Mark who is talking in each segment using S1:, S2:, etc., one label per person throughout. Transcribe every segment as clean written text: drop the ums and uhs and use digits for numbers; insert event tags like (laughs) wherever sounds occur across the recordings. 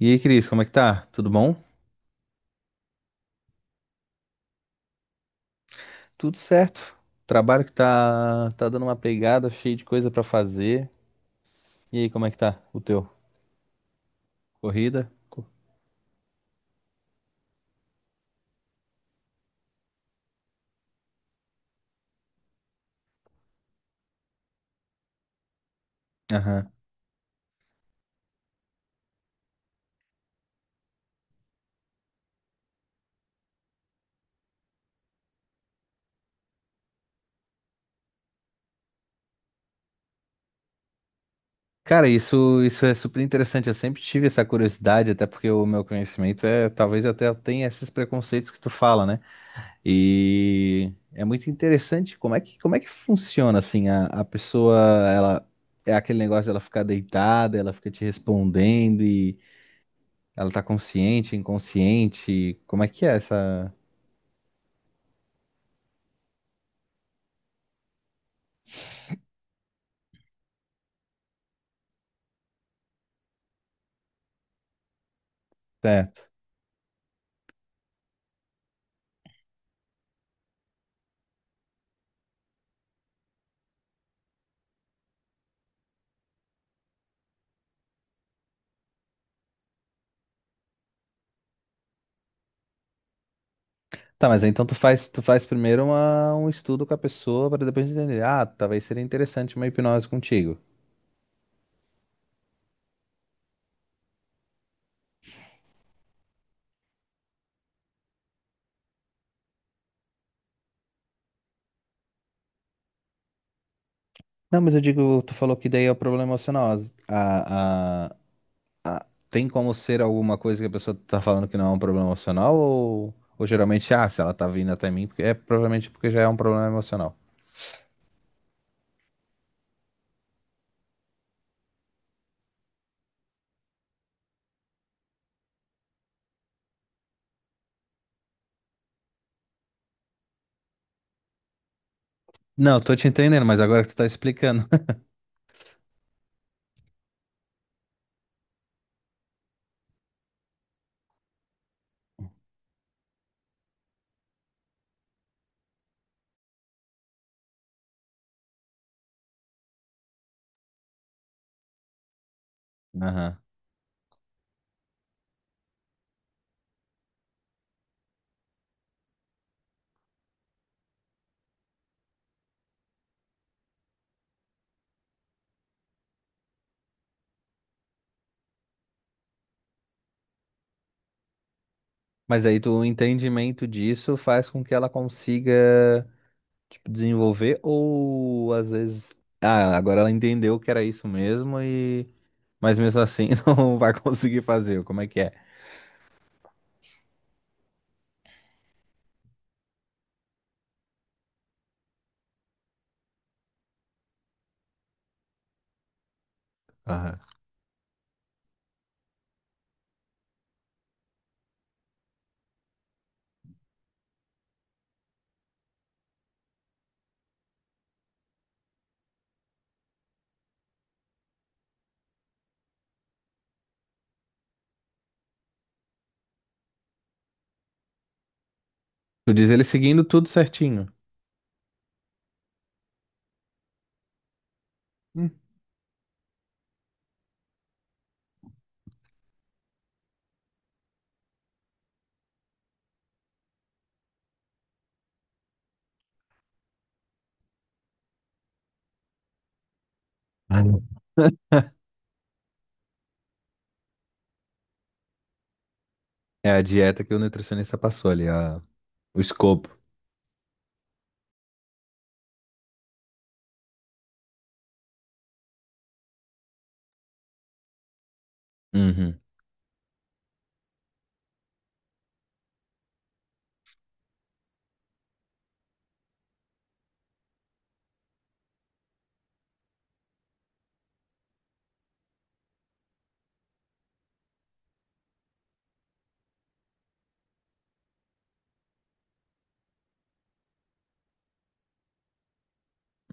S1: E aí, Cris, como é que tá? Tudo bom? Tudo certo. Trabalho que tá, dando uma pegada, cheio de coisa pra fazer. E aí, como é que tá o teu? Corrida? Aham. Cara, isso é super interessante. Eu sempre tive essa curiosidade, até porque o meu conhecimento é, talvez até tenha esses preconceitos que tu fala, né? E é muito interessante como é que funciona assim a pessoa, ela é aquele negócio dela ficar deitada, ela fica te respondendo. Ela tá consciente, inconsciente? Como é que é essa. Certo. Tá, mas aí então tu faz primeiro um estudo com a pessoa para depois entender. Ah, talvez seria interessante uma hipnose contigo. Não, mas eu digo, tu falou que daí é o problema emocional. Tem como ser alguma coisa que a pessoa tá falando que não é um problema emocional? Ou geralmente, se ela tá vindo até mim, porque é provavelmente porque já é um problema emocional. Não, tô te entendendo, mas agora que tu tá explicando. (laughs) Aham. Mas aí tu, o entendimento disso faz com que ela consiga, tipo, desenvolver ou às vezes, ah, agora ela entendeu que era isso mesmo e mas mesmo assim (laughs) não vai conseguir fazer. Como é que é? Aham. Tu diz ele seguindo tudo certinho. Hum. Uhum. É a dieta que o nutricionista passou ali, a… o escopo. Uhum.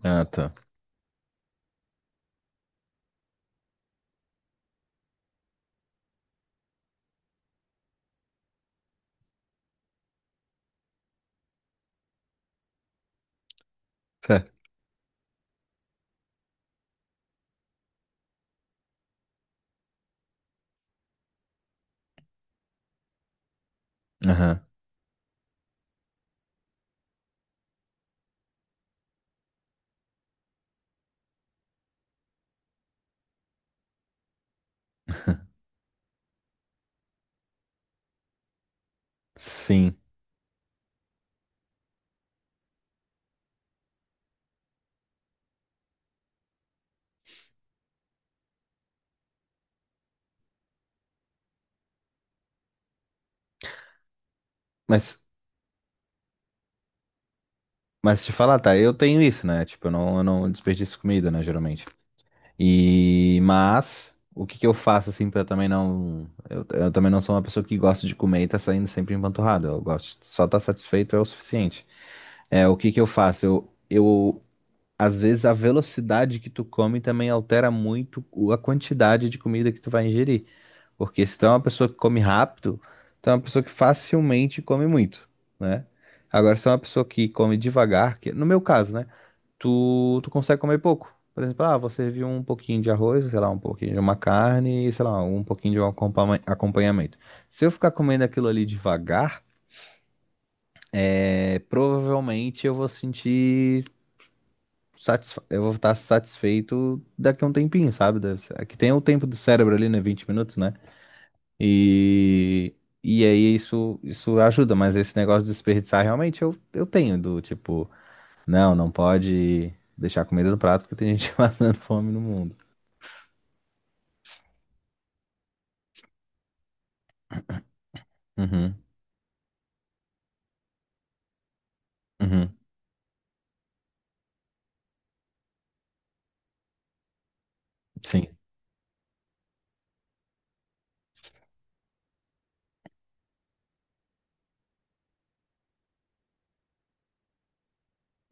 S1: Ah, tá. Certo. Aham. (laughs) Sim. Mas, mas te falar, tá, eu tenho isso, né? Tipo, eu não desperdiço comida, né, geralmente. E mas o que que eu faço assim pra também eu também não sou uma pessoa que gosta de comer e tá saindo sempre empanturrado. Eu gosto só tá satisfeito é o suficiente. É, o que que eu faço? Eu às vezes a velocidade que tu come também altera muito a quantidade de comida que tu vai ingerir, porque se tu é uma pessoa que come rápido, tu é uma pessoa que facilmente come muito, né? Agora se tu é uma pessoa que come devagar, que no meu caso, né? Tu consegue comer pouco. Por exemplo, ah, você viu um pouquinho de arroz, sei lá, um pouquinho de uma carne, e, sei lá, um pouquinho de um acompanhamento. Se eu ficar comendo aquilo ali devagar, é, provavelmente eu vou sentir satisfa eu vou estar satisfeito daqui a um tempinho, sabe? Deve ser- Aqui tem o tempo do cérebro ali, né? 20 minutos, né? E, e aí isso ajuda, mas esse negócio de desperdiçar realmente eu tenho, do tipo, não pode deixar comida no prato porque tem gente (laughs) passando fome no mundo. Uhum, uhum, sim.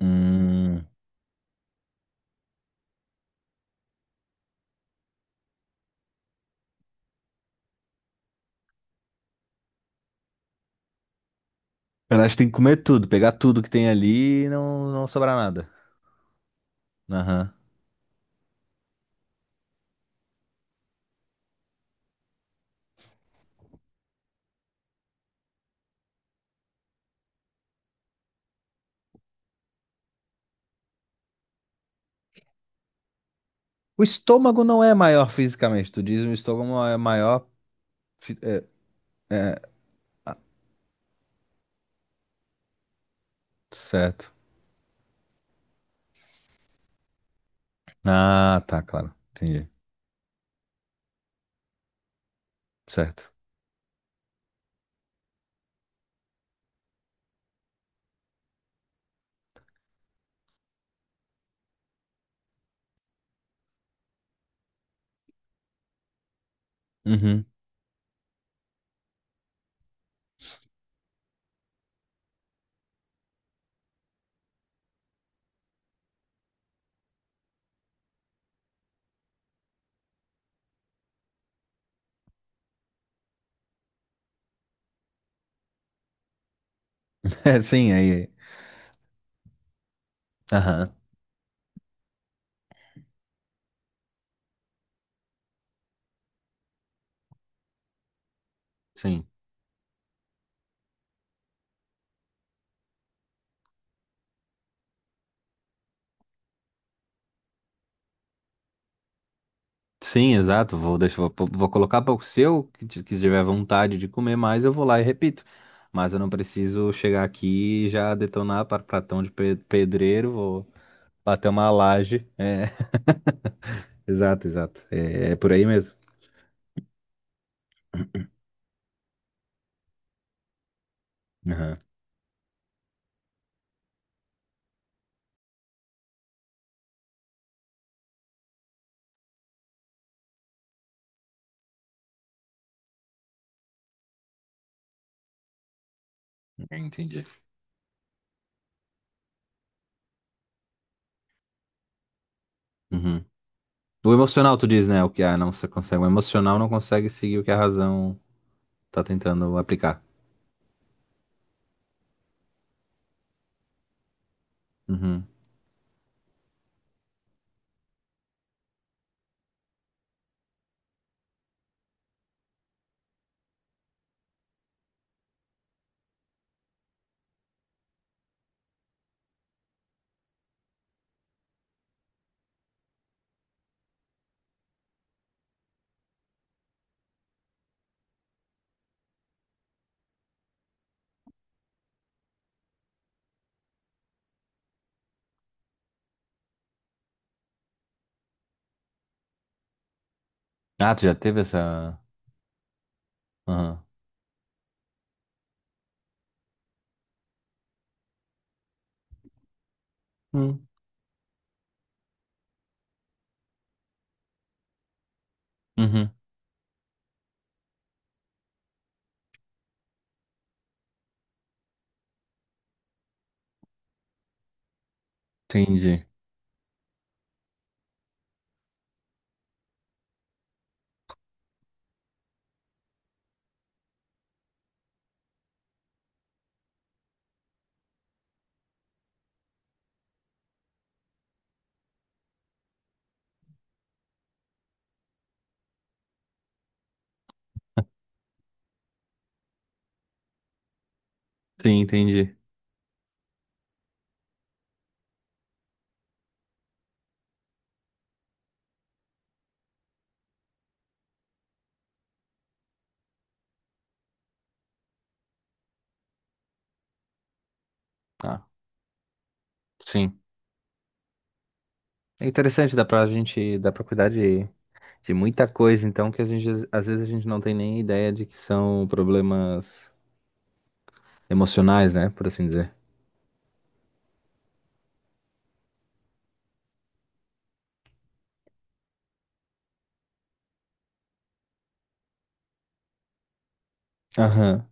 S1: Hum, eu acho que tem que comer tudo, pegar tudo que tem ali e não sobrar nada. Aham. O estômago não é maior fisicamente, tu diz o estômago é maior. É, é, ah, certo. Ah, tá, claro. Entendi. Certo. Uhum. (laughs) É, sim, aí. Aham, sim. Sim, exato. Vou, deixar vou colocar para o seu, que tiver vontade de comer mais, eu vou lá e repito. Mas eu não preciso chegar aqui e já detonar para pratão de pedreiro. Vou. Bater uma laje. É, (laughs) exato, exato. É, é por aí mesmo. Aham. É, entendi. Uhum. O emocional, tu diz, né? O que a não se consegue. O emocional não consegue seguir o que a razão tá tentando aplicar. Uhum. Ah, tu já teve essa. Aham. Hum. Uhum. Entendi. Sim, entendi. Ah, sim. É interessante, dá pra gente, dá pra cuidar de muita coisa, então, que a gente, às vezes a gente não tem nem ideia de que são problemas emocionais, né? Por assim dizer. Aham.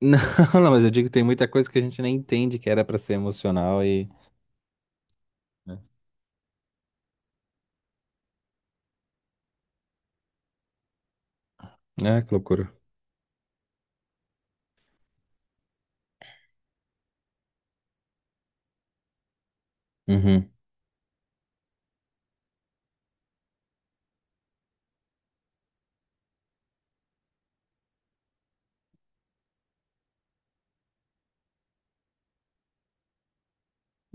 S1: Não, (laughs) não, mas eu digo que tem muita coisa que a gente nem entende que era pra ser emocional e. Ah, que loucura. Uhum.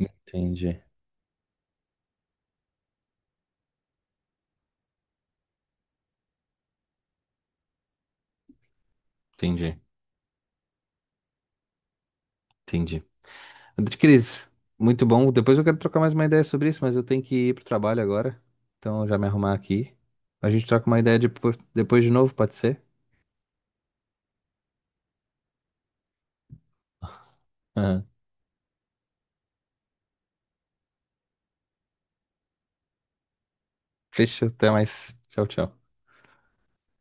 S1: Entendi, entendi, entendi. Cris, muito bom. Depois eu quero trocar mais uma ideia sobre isso, mas eu tenho que ir pro trabalho agora. Então eu já me arrumar aqui. A gente troca uma ideia depois, depois de novo, pode ser? Aham. Fechou, até mais. Tchau, tchau.